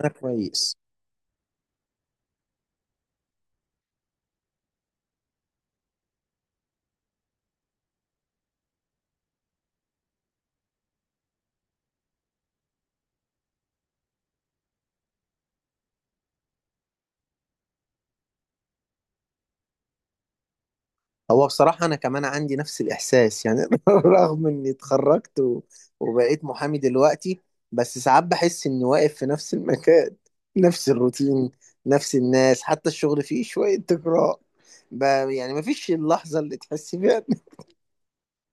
انا كويس. هو بصراحة انا كمان عندي نفس الاحساس، يعني رغم اني اتخرجت وبقيت محامي دلوقتي. بس ساعات بحس اني واقف في نفس المكان، نفس الروتين، نفس الناس، حتى الشغل فيه شوية تكرار ب... يعني مفيش اللحظة اللي تحس فيها إن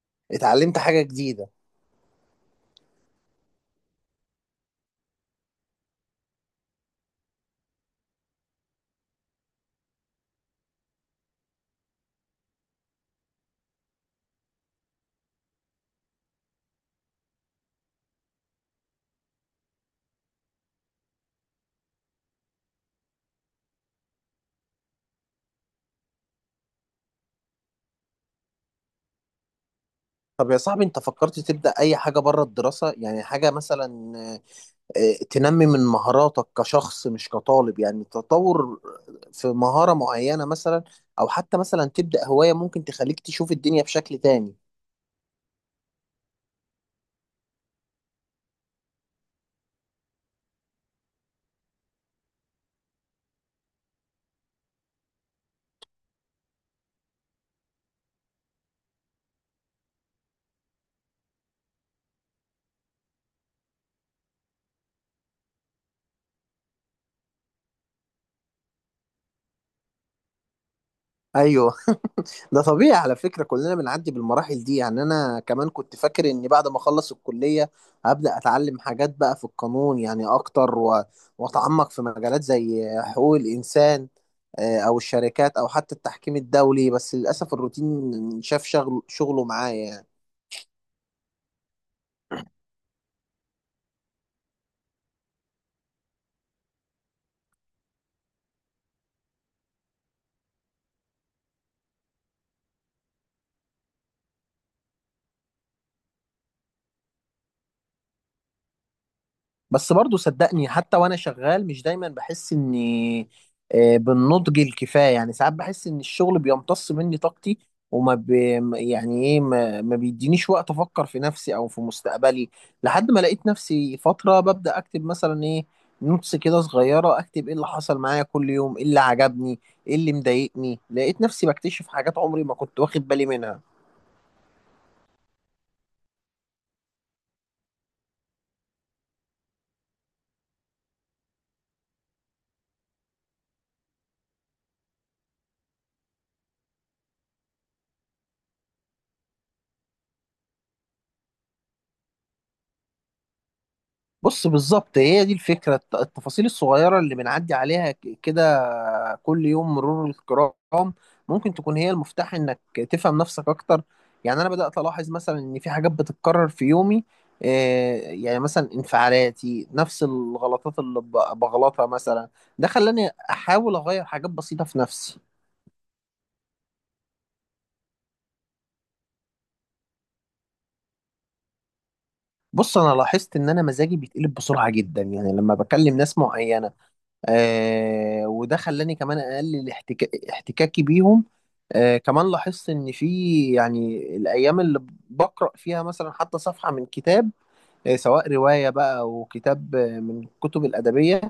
اتعلمت حاجة جديدة. طب يا صاحبي، انت فكرت تبدأ اي حاجة بره الدراسة؟ يعني حاجة مثلا تنمي من مهاراتك كشخص مش كطالب، يعني تطور في مهارة معينة مثلا، أو حتى مثلا تبدأ هواية ممكن تخليك تشوف الدنيا بشكل تاني. ايوه، ده طبيعي على فكره، كلنا بنعدي بالمراحل دي. يعني انا كمان كنت فاكر اني بعد ما اخلص الكليه هبدا اتعلم حاجات بقى في القانون، يعني اكتر واتعمق في مجالات زي حقوق الانسان او الشركات او حتى التحكيم الدولي، بس للاسف الروتين شاف شغل شغله معايا يعني. بس برضو صدقني حتى وانا شغال مش دايما بحس اني بالنضج الكفايه. يعني ساعات بحس ان الشغل بيمتص مني طاقتي وما ب... يعني ايه، ما بيدينيش وقت افكر في نفسي او في مستقبلي. لحد ما لقيت نفسي فتره ببدا اكتب مثلا ايه، نوتس كده صغيره، اكتب ايه اللي حصل معايا كل يوم، ايه اللي عجبني، ايه اللي مضايقني. لقيت نفسي بكتشف حاجات عمري ما كنت واخد بالي منها. بص، بالظبط هي دي الفكرة، التفاصيل الصغيرة اللي بنعدي عليها كده كل يوم مرور الكرام ممكن تكون هي المفتاح انك تفهم نفسك اكتر. يعني انا بدأت الاحظ مثلا ان في حاجات بتتكرر في يومي، يعني مثلا انفعالاتي، نفس الغلطات اللي بغلطها مثلا. ده خلاني احاول اغير حاجات بسيطة في نفسي. بص، انا لاحظت ان انا مزاجي بيتقلب بسرعة جدا يعني لما بكلم ناس معينة، آه، وده خلاني كمان اقلل احتكاكي بيهم. آه، كمان لاحظت ان في، يعني الايام اللي بقرا فيها مثلا حتى صفحه من كتاب، آه، سواء روايه بقى او كتاب، آه، من الكتب الادبيه،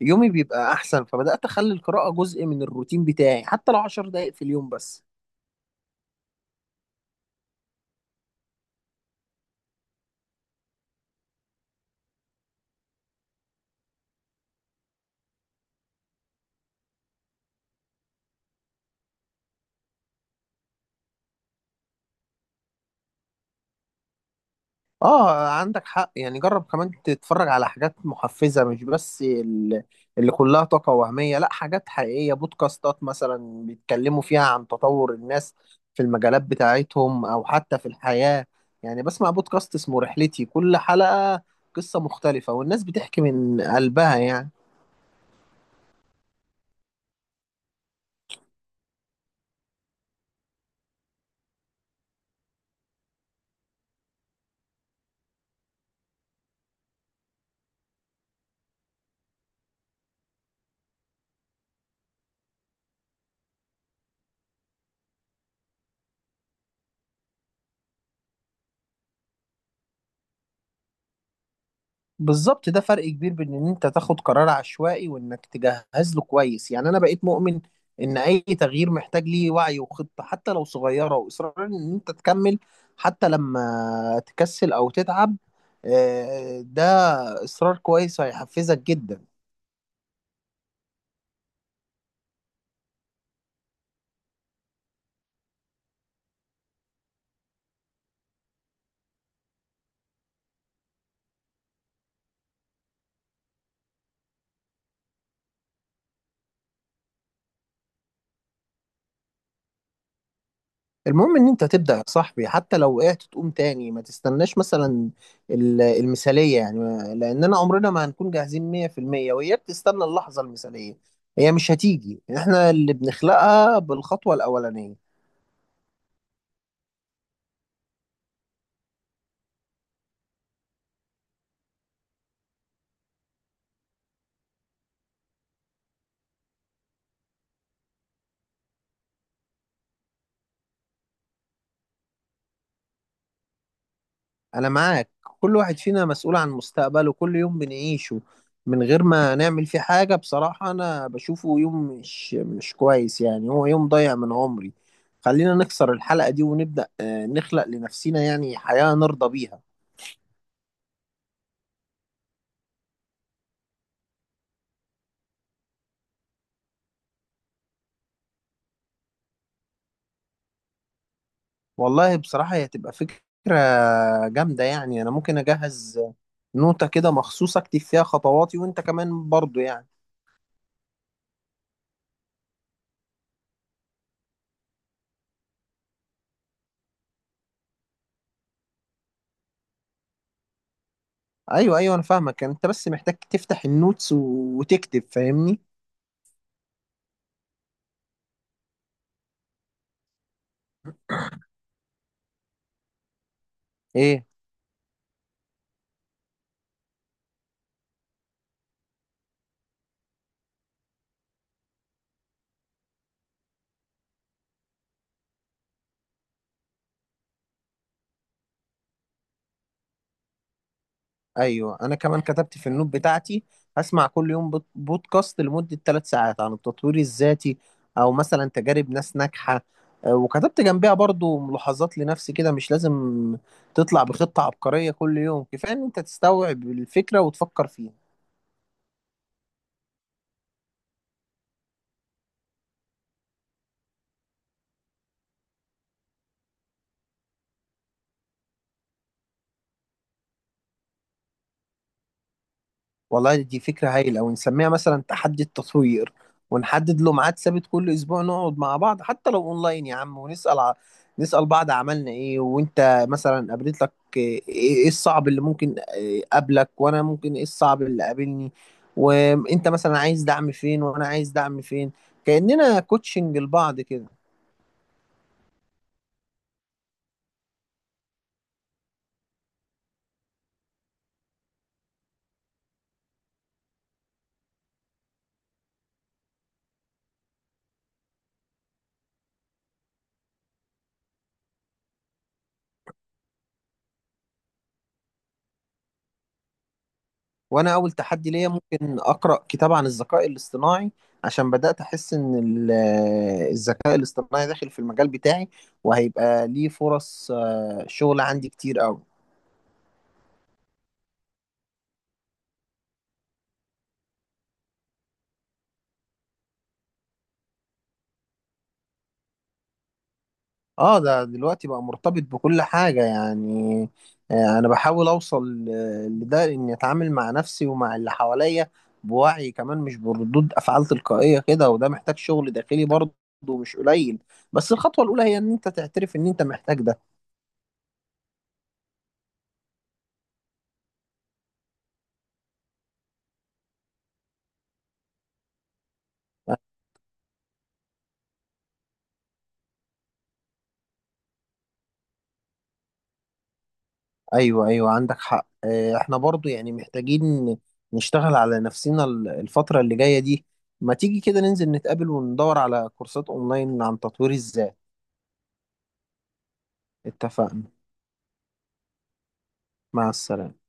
يومي بيبقى احسن. فبدات اخلي القراءه جزء من الروتين بتاعي حتى لو 10 دقائق في اليوم بس. اه، عندك حق. يعني جرب كمان تتفرج على حاجات محفزة، مش بس اللي كلها طاقة وهمية، لا، حاجات حقيقية، بودكاستات مثلا بيتكلموا فيها عن تطور الناس في المجالات بتاعتهم او حتى في الحياة. يعني بسمع بودكاست اسمه رحلتي، كل حلقة قصة مختلفة والناس بتحكي من قلبها يعني. بالظبط، ده فرق كبير بين ان انت تاخد قرار عشوائي وانك تجهز له كويس. يعني انا بقيت مؤمن ان اي تغيير محتاج ليه وعي وخطة حتى لو صغيرة، واصرار ان انت تكمل حتى لما تكسل او تتعب. ده اصرار كويس هيحفزك جدا. المهم ان انت تبدأ يا صاحبي، حتى لو وقعت تقوم تاني، ما تستناش مثلا المثالية. يعني لاننا عمرنا ما هنكون جاهزين 100% وإياك تستنى اللحظة المثالية، هي مش هتيجي، احنا اللي بنخلقها بالخطوة الأولانية. انا معاك. كل واحد فينا مسؤول عن مستقبله. كل يوم بنعيشه من غير ما نعمل فيه حاجة بصراحة انا بشوفه يوم مش كويس، يعني هو يوم ضايع من عمري. خلينا نكسر الحلقة دي ونبدأ نخلق لنفسنا يعني حياة نرضى بيها. والله بصراحة هي هتبقى فكرة جامدة. يعني أنا ممكن أجهز نوتة كده مخصوص أكتب فيها خطواتي، وأنت كمان برضو يعني. أيوه أيوه، أنا فاهمك، أنت بس محتاج تفتح النوتس وتكتب، فاهمني؟ إيه. أيوه، أنا كمان كتبت في النوت بتاعتي هسمع كل يوم بودكاست لمدة 3 ساعات عن التطوير الذاتي، أو مثلا تجارب ناس ناجحة. وكتبت جنبها برضو ملاحظات لنفسي كده. مش لازم تطلع بخطة عبقرية كل يوم، كفاية إن أنت تستوعب الفكرة وتفكر فيها. والله دي فكرة هايلة، ونسميها مثلا تحدي التطوير، ونحدد له ميعاد ثابت كل أسبوع نقعد مع بعض حتى لو أونلاين يا عم، ونسأل نسأل بعض عملنا إيه، وأنت مثلا قابلت لك إيه، إيه الصعب اللي ممكن إيه قابلك، وأنا ممكن إيه الصعب اللي قابلني، وأنت مثلا عايز دعم فين، وأنا عايز دعم فين، كأننا كوتشنج لبعض كده. وانا اول تحدي ليا ممكن اقرا كتاب عن الذكاء الاصطناعي، عشان بدات احس ان الذكاء الاصطناعي داخل في المجال بتاعي وهيبقى ليه فرص شغل عندي كتير قوي. اه، ده دلوقتي بقى مرتبط بكل حاجه يعني. انا بحاول اوصل لده، اني اتعامل مع نفسي ومع اللي حواليا بوعي كمان، مش بردود افعال تلقائيه كده، وده محتاج شغل داخلي برضه مش قليل. بس الخطوه الاولى هي ان انت تعترف ان انت محتاج ده. ايوه ايوه، عندك حق. احنا برضو يعني محتاجين نشتغل على نفسنا الفترة اللي جاية دي. ما تيجي كده ننزل نتقابل وندور على كورسات اونلاين عن تطوير الذات. اتفقنا. مع السلامة.